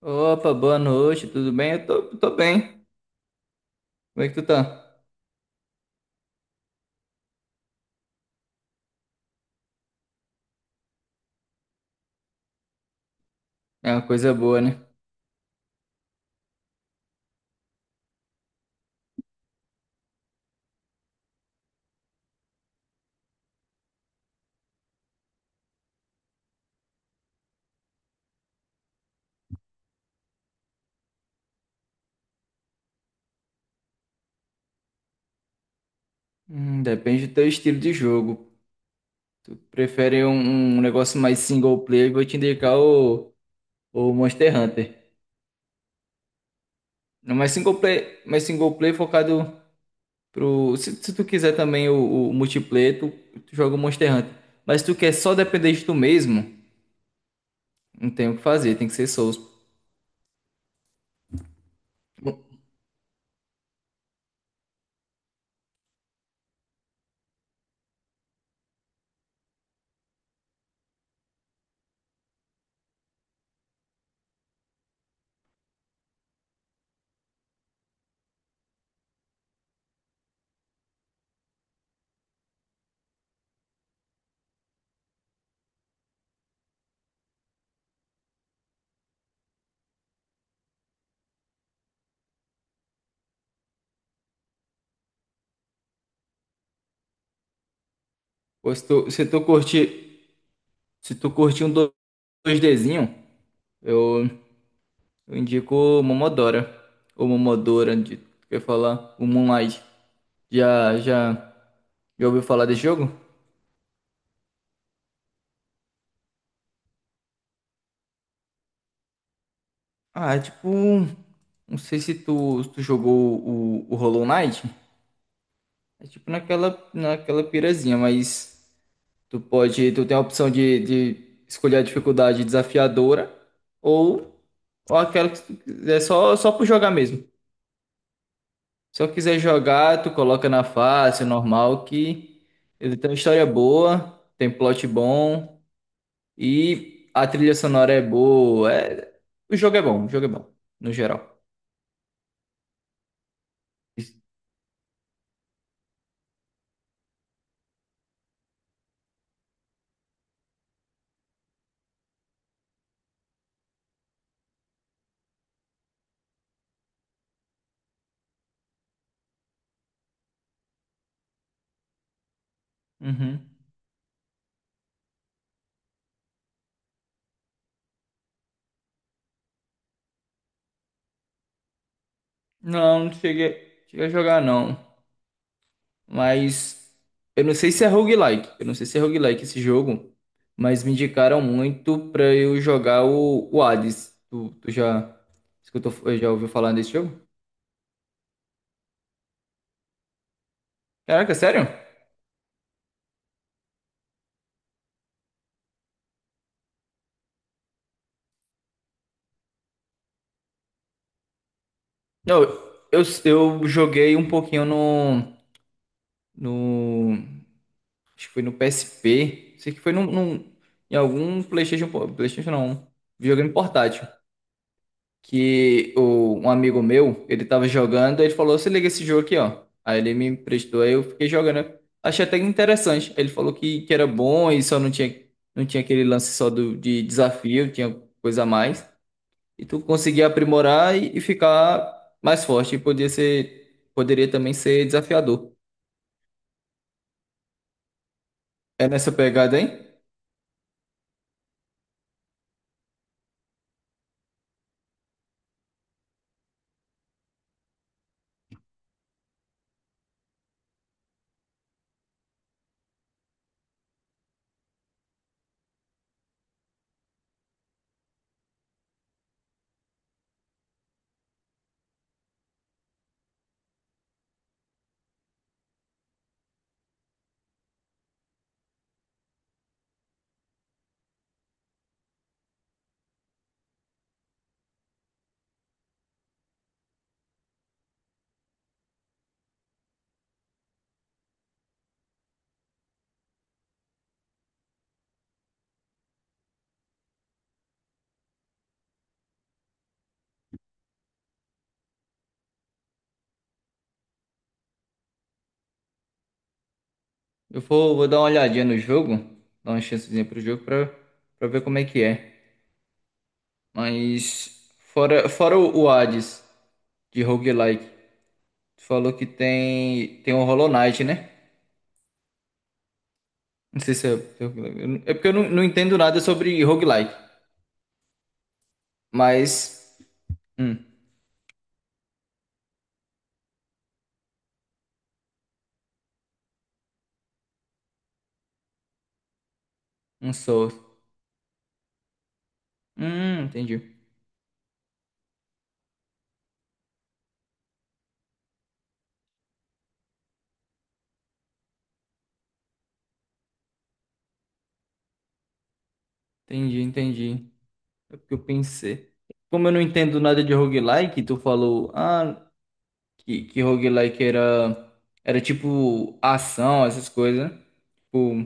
Opa, boa noite, tudo bem? Eu tô bem. Como é que tu tá? É uma coisa boa, né? Depende do teu estilo de jogo. Tu prefere um negócio mais single player, eu vou te indicar o Monster Hunter. Não, mas single player, mas single player focado pro. Se tu quiser também o multiplayer, tu joga o Monster Hunter. Mas se tu quer só depender de tu mesmo, não tem o que fazer, tem que ser Souls. Pô, se tu curtir, se tu curtir um dois dzinho eu. Eu indico o Momodora. Ou Momodora, de, quer falar? O Moonlight. Já, já, já ouviu falar desse jogo? Ah, é tipo um. Não sei se tu, se tu jogou o Hollow Knight. É tipo naquela pirazinha, mas tu pode. Tu tem a opção de escolher a dificuldade desafiadora ou, ou aquela que tu quiser, só por jogar mesmo. Se eu quiser jogar, tu coloca na fácil, normal, que ele tem uma história boa, tem plot bom. E a trilha sonora é boa. O jogo é bom, o jogo é bom, no geral. Uhum. Não, não cheguei a jogar não. Mas eu não sei se é roguelike. Eu não sei se é roguelike esse jogo. Mas me indicaram muito pra eu jogar o Hades. Tu já escutou, já ouviu falar desse jogo? Caraca, sério? Não, eu joguei um pouquinho no. Acho que foi no PSP. Sei que foi em algum PlayStation, PlayStation não, videogame portátil. Que o, um amigo meu, ele tava jogando, aí ele falou: "Você liga esse jogo aqui, ó." Aí ele me emprestou, aí eu fiquei jogando. Achei até interessante. Ele falou que era bom e só não tinha, não tinha aquele lance só do, de desafio, tinha coisa a mais. E tu conseguia aprimorar e ficar mais forte. E podia ser, poderia também ser desafiador. É nessa pegada, hein? Eu vou dar uma olhadinha no jogo, dar uma chancezinha pro jogo pra, pra ver como é que é. Mas fora o Hades de roguelike, tu falou que tem o Hollow Knight, né? Não sei se se é roguelike. Eu não- É porque eu não, não entendo nada sobre roguelike, mas hum, um Souls. Entendi. Entendi, entendi. É porque eu pensei. Como eu não entendo nada de roguelike, tu falou, ah, que roguelike era tipo ação, essas coisas, né? Tipo,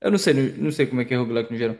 eu não sei, não sei como é que é roguelike no geral.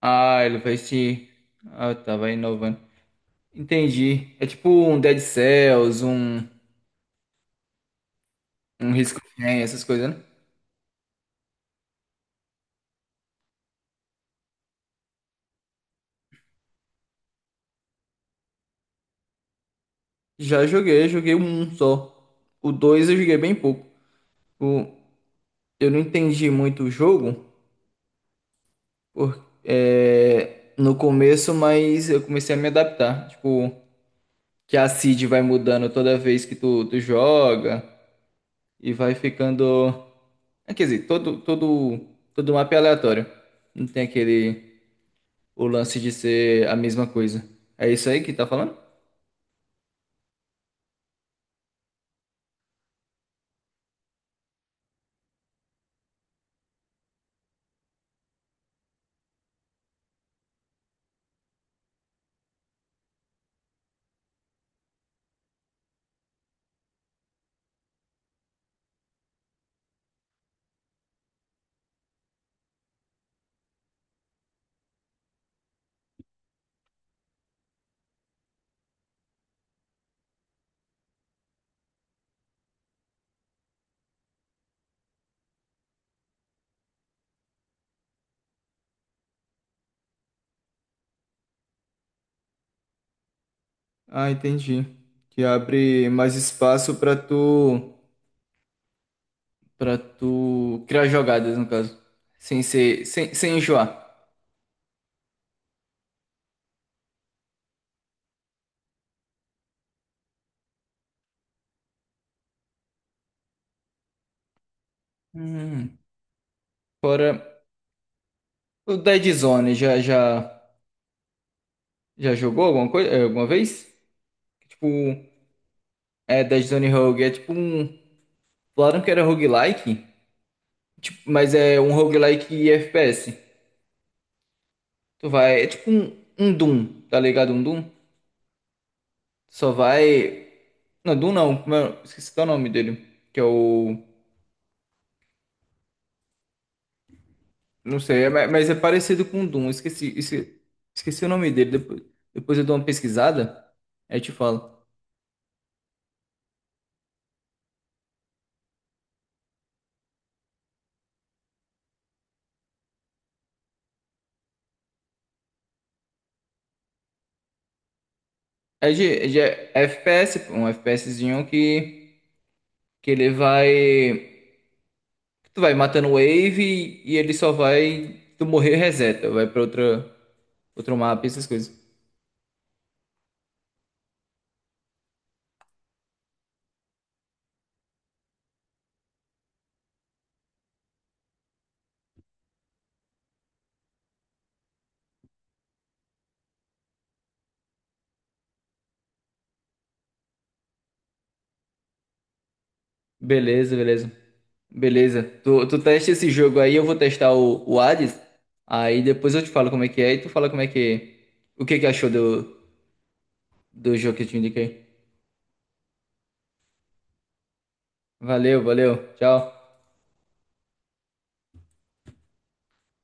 Ah, ele vai se. Ah, tá, vai inovando. Entendi. É tipo um Dead Cells, um Risk of Rain, essas coisas, né? Já joguei, joguei um só. O dois eu joguei bem pouco. O, eu não entendi muito o jogo por, é, no começo, mas eu comecei a me adaptar. Tipo, que a seed vai mudando toda vez que tu joga e vai ficando. É, quer dizer, todo mapa é aleatório. Não tem aquele o lance de ser a mesma coisa. É isso aí que tá falando? Ah, entendi. Que abre mais espaço pra tu para tu criar jogadas, no caso, sem ser sem, sem enjoar. Hum. Fora o Dead Zone, já jogou alguma coisa, alguma vez? Tipo, é Dead Zone Rogue, é tipo um. Falaram que era roguelike, tipo, mas é um roguelike e FPS. Tu vai, é tipo um Doom, tá ligado? Um Doom. Só vai. Não, Doom não, esqueci até o nome dele. Que é o. Não sei, é- mas é parecido com o Doom. Esqueci o nome dele. Depois eu dou uma pesquisada, aí eu te falo. É de FPS, um FPSzinho que ele vai. Tu vai matando wave e ele só vai. Tu morrer reseta, vai pra outra, outro mapa, essas coisas. Beleza, beleza. Beleza. Tu testa esse jogo aí, eu vou testar o Hades. Aí depois eu te falo como é que é e tu fala como é que. O que que achou do, do jogo que eu te indiquei. Valeu, valeu. Tchau.